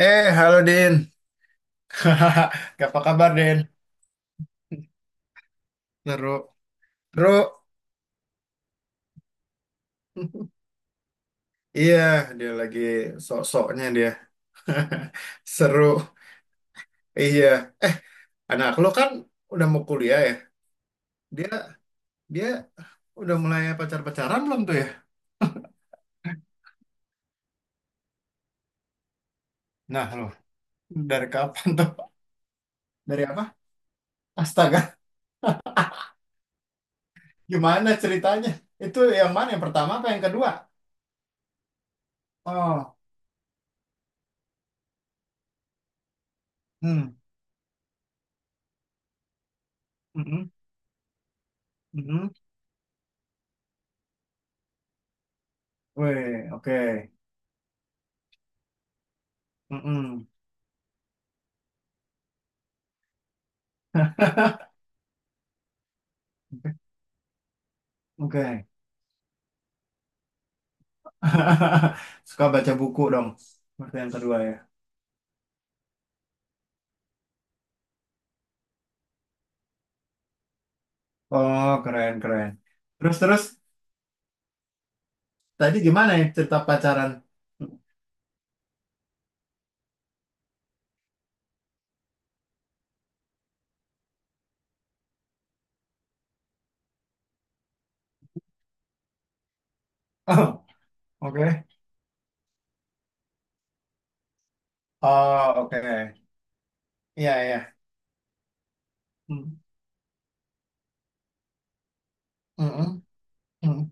Halo Din. Apa kabar, Din? Seru. Seru. Iya, dia lagi sok-soknya dia. Seru. Iya. Anak lo kan udah mau kuliah ya. Dia dia udah mulai pacar-pacaran belum tuh ya? Nah, lo. Dari kapan tuh? Dari apa? Astaga. Gimana ceritanya? Itu yang mana? Yang pertama apa yang kedua? Oh, hmm, mm-mm, mm-mm. Weh, oke. Mm-mm. Oke. Suka baca buku dong. Berarti yang kedua ya. Oh, keren, keren. Terus, terus. Tadi gimana ya cerita pacaran? Oh, oke. Oh, oke. Iya, iya. Hmm, mm, mm, mm.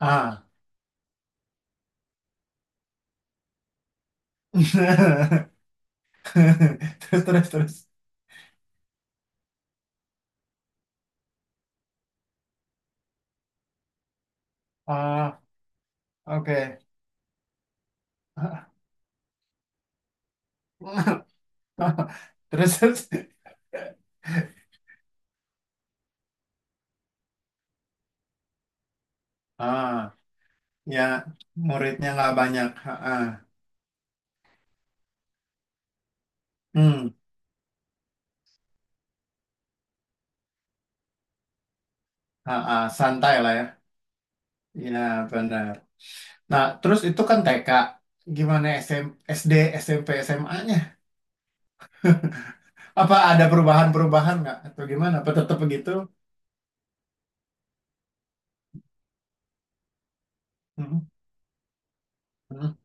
Ah. Terus, terus, terus. Ah, oke. Terus, terus. Ah, ya. Muridnya nggak banyak. Ah, ah. Hmm. Ah, ah. Santai lah ya. Iya, benar. Nah, terus itu kan TK. Gimana SM, SD, SMP, SMA-nya? Apa ada perubahan-perubahan nggak? Atau gimana? Apa tetap begitu? Hmm, hmm,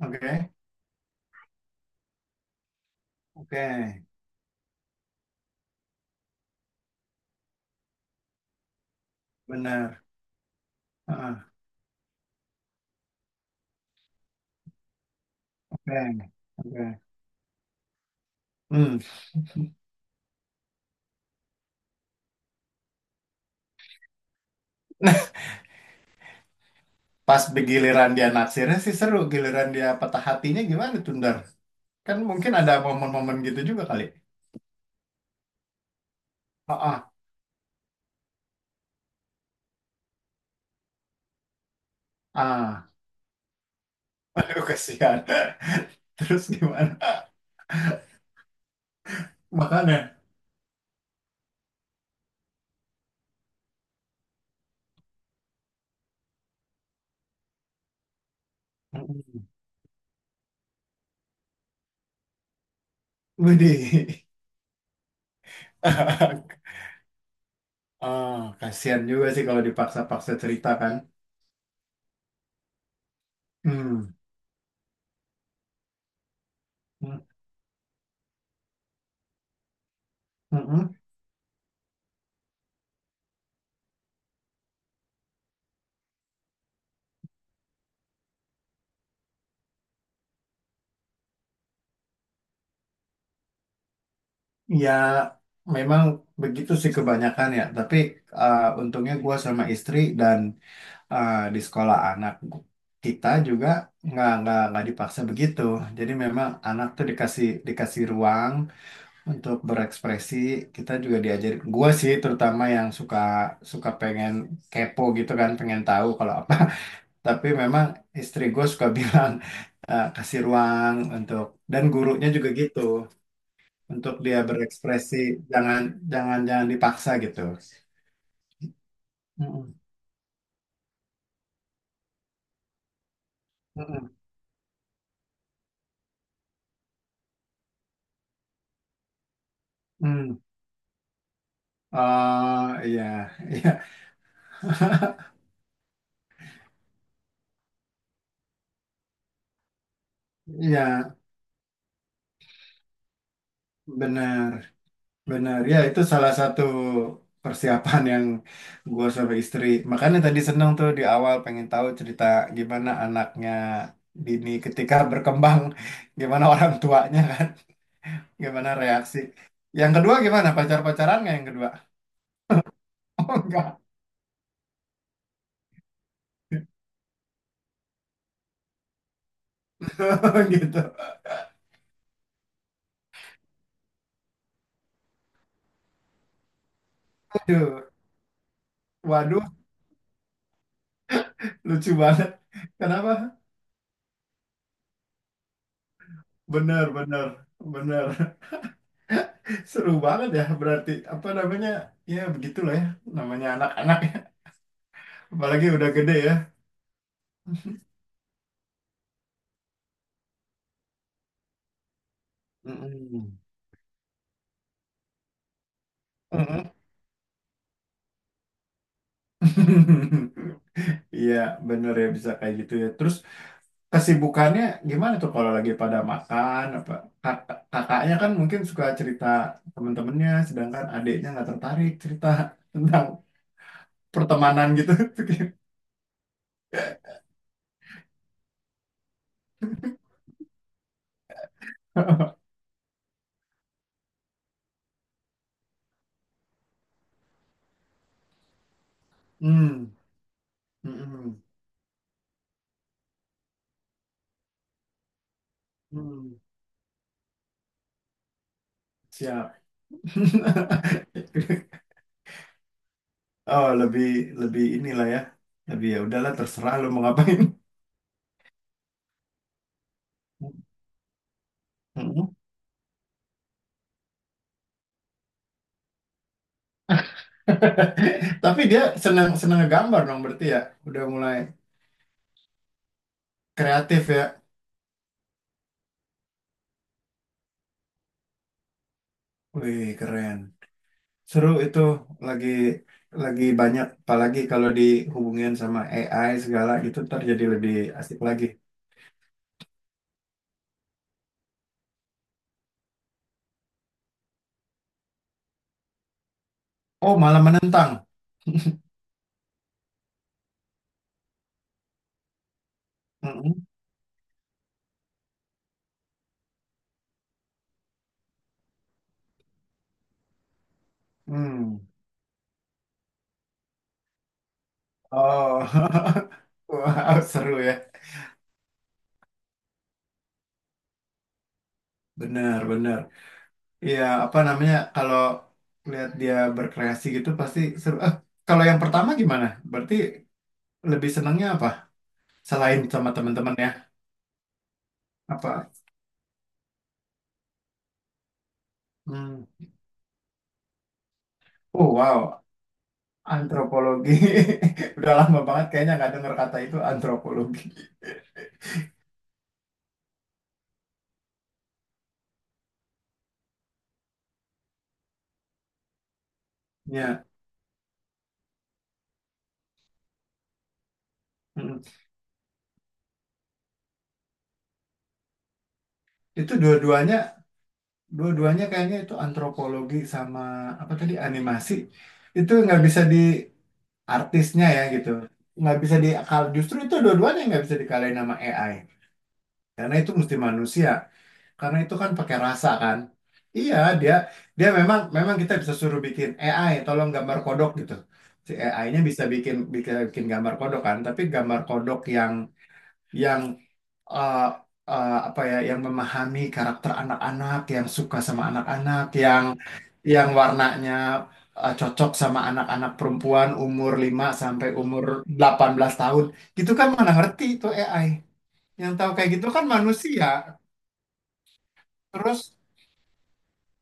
oke, oke, benar. Heeh, oke, oke. Hmm. Pas giliran dia naksirnya sih seru. Giliran dia patah hatinya gimana tuh, Ndar? Kan mungkin ada momen-momen gitu juga kali. Heeh, ah, aduh, kasihan. Terus gimana? Makanya. Mm-mm. Widih. Ah, kasihan juga sih kalau dipaksa-paksa cerita kan. Hmm. Hmm, mm-mm. Ya, memang begitu sih kebanyakan ya. Tapi untungnya gue sama istri dan di sekolah anak kita juga nggak nggak dipaksa begitu. Jadi memang anak tuh dikasih dikasih ruang untuk berekspresi. Kita juga diajarin. Gue sih terutama yang suka suka pengen kepo gitu kan, pengen tahu kalau apa. Tapi memang istri gue suka bilang, kasih ruang untuk dan gurunya juga gitu untuk dia berekspresi, jangan jangan jangan dipaksa gitu. Mm-mm, mm-mm, mm. Oh iya. Iya, iya, benar, benar ya. Itu salah satu persiapan yang gue sama istri, makanya tadi seneng tuh di awal pengen tahu cerita gimana anaknya Dini ketika berkembang, gimana orang tuanya kan. Gimana reaksi? Yang kedua gimana? Pacar-pacaran nggak yang kedua? Oh enggak. Gitu. Aduh, waduh, lucu banget. Kenapa? Bener, bener, bener. Seru banget ya berarti. Apa namanya? Ya begitulah ya. Namanya anak-anak ya. Apalagi udah gede ya. Mm-mm. Mm-mm. Iya, bener ya bisa kayak gitu ya. Terus kesibukannya gimana tuh kalau lagi pada makan apa. Kak- kakaknya kan mungkin suka cerita temen-temennya sedangkan adiknya nggak tertarik cerita tentang pertemanan gitu. hmm, hmm, hmm, siap. Oh lebih, lebih inilah ya, lebih ya udahlah terserah lu mau ngapain. Mm-mm. Tapi dia senang senang gambar dong berarti ya, udah mulai kreatif ya. Wih, keren. Seru itu, lagi lagi banyak apalagi kalau dihubungin sama AI segala gitu ntar jadi lebih asik lagi. Oh, malah menentang. Mm-mm. Hmm. Oh. Wow, seru ya. Benar, benar. Iya, apa namanya kalau lihat dia berkreasi gitu pasti seru. Ah, kalau yang pertama gimana? Berarti lebih senangnya apa? Selain sama teman-teman ya. Apa? Hmm. Oh, wow. Antropologi. Udah lama banget kayaknya nggak dengar kata itu antropologi. Ya, mm. Itu dua-duanya kayaknya itu antropologi sama apa tadi animasi. Itu nggak bisa di, artisnya ya gitu. Nggak bisa di, justru itu dua-duanya nggak bisa dikalahin sama AI. Karena itu mesti manusia. Karena itu kan pakai rasa kan. Iya, dia dia memang, memang kita bisa suruh bikin AI tolong gambar kodok gitu. Si AI-nya bisa bikin bikin bikin gambar kodok kan, tapi gambar kodok yang yang eh, apa ya, yang memahami karakter anak-anak, yang suka sama anak-anak, yang warnanya cocok sama anak-anak perempuan umur 5 sampai umur 18 tahun. Gitu kan mana ngerti itu AI. Yang tahu kayak gitu kan manusia. Terus,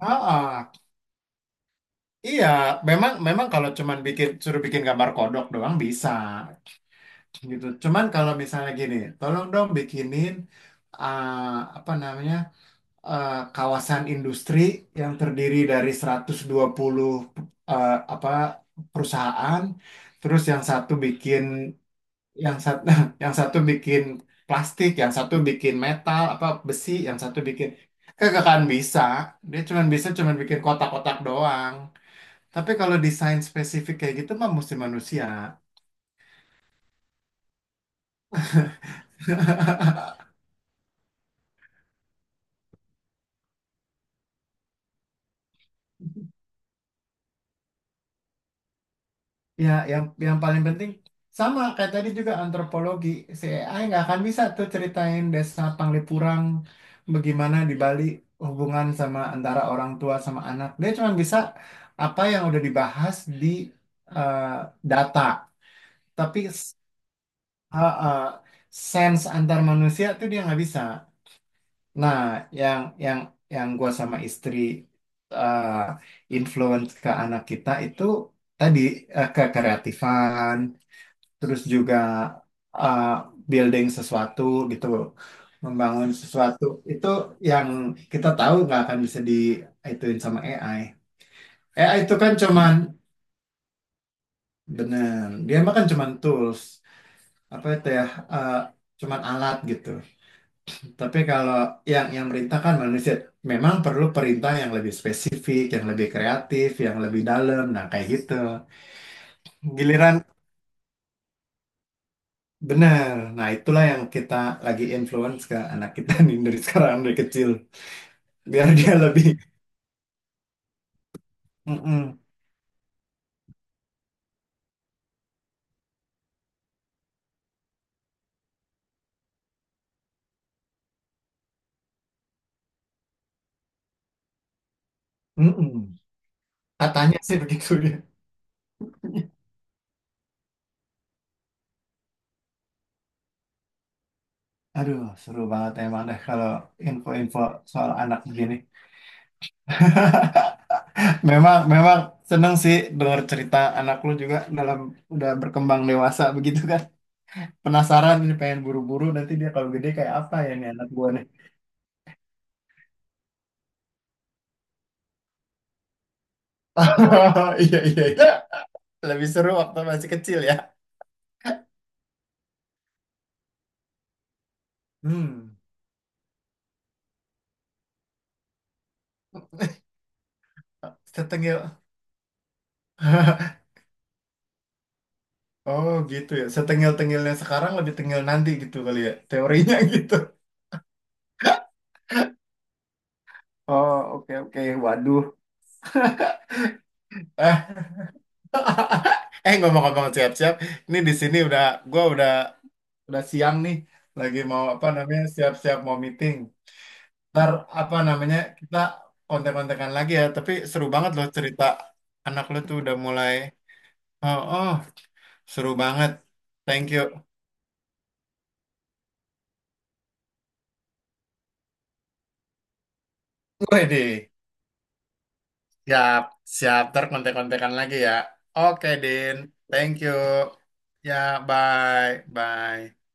ah, ah. Iya, memang, memang kalau cuman bikin suruh bikin gambar kodok doang bisa gitu. Cuman kalau misalnya gini, tolong dong bikinin, uh, apa namanya, uh, kawasan industri yang terdiri dari 120, apa perusahaan, terus yang satu bikin, yang satu yang satu bikin plastik, yang satu bikin metal apa besi, yang satu bikin kagak akan bisa. Dia cuman bisa bikin kotak-kotak doang. Tapi kalau desain spesifik kayak gitu mah mesti manusia. Ya, yang paling penting sama kayak tadi juga antropologi. Si AI nggak akan bisa tuh ceritain desa Panglipurang bagaimana di Bali, hubungan sama antara orang tua sama anak. Dia cuma bisa apa yang udah dibahas di eh, data. Tapi s-, eh, eh, sense antar manusia tuh dia nggak bisa. Nah, yang yang yang gue sama istri eh influence ke anak kita itu tadi, ke kreatifan, terus juga eh, building sesuatu gitu, membangun sesuatu itu yang kita tahu nggak akan bisa di ituin sama AI. AI itu kan cuman, bener, dia mah kan cuman tools, apa itu ya, eh, cuman alat gitu. Tapi kalau yang merintahkan manusia memang perlu perintah yang lebih spesifik, yang lebih kreatif, yang lebih dalam. Nah, kayak gitu. Giliran benar. Nah, itulah yang kita lagi influence ke anak kita nih dari sekarang dari kecil biar dia lebih. Mm-mm. Mm-mm. Katanya sih begitu ya. Aduh, seru banget emang deh kalau info-info soal anak begini. Memang, memang seneng sih dengar cerita anak lu juga dalam udah berkembang dewasa begitu kan. Penasaran nih pengen buru-buru nanti dia kalau gede kayak apa ya nih anak gua nih. Iya, iya, iya. Lebih seru waktu masih kecil ya. Hmm. Setengil. Oh, gitu ya. Setengil-tengilnya sekarang lebih tengil nanti gitu kali ya. Teorinya gitu. Oh, oke, oke. Waduh. Eh, eh, ngomong-ngomong siap-siap. Ini di sini udah, gua udah siang nih. Lagi mau apa namanya siap-siap mau meeting. Ntar apa namanya kita kontek-kontekan lagi ya. Tapi seru banget loh cerita anak lu tuh udah mulai. Oh, oh, seru banget. Thank you. Deh, siap, siap. Ntar kontek-kontekan lagi ya. Oke, Din. Thank you. Ya, bye, bye.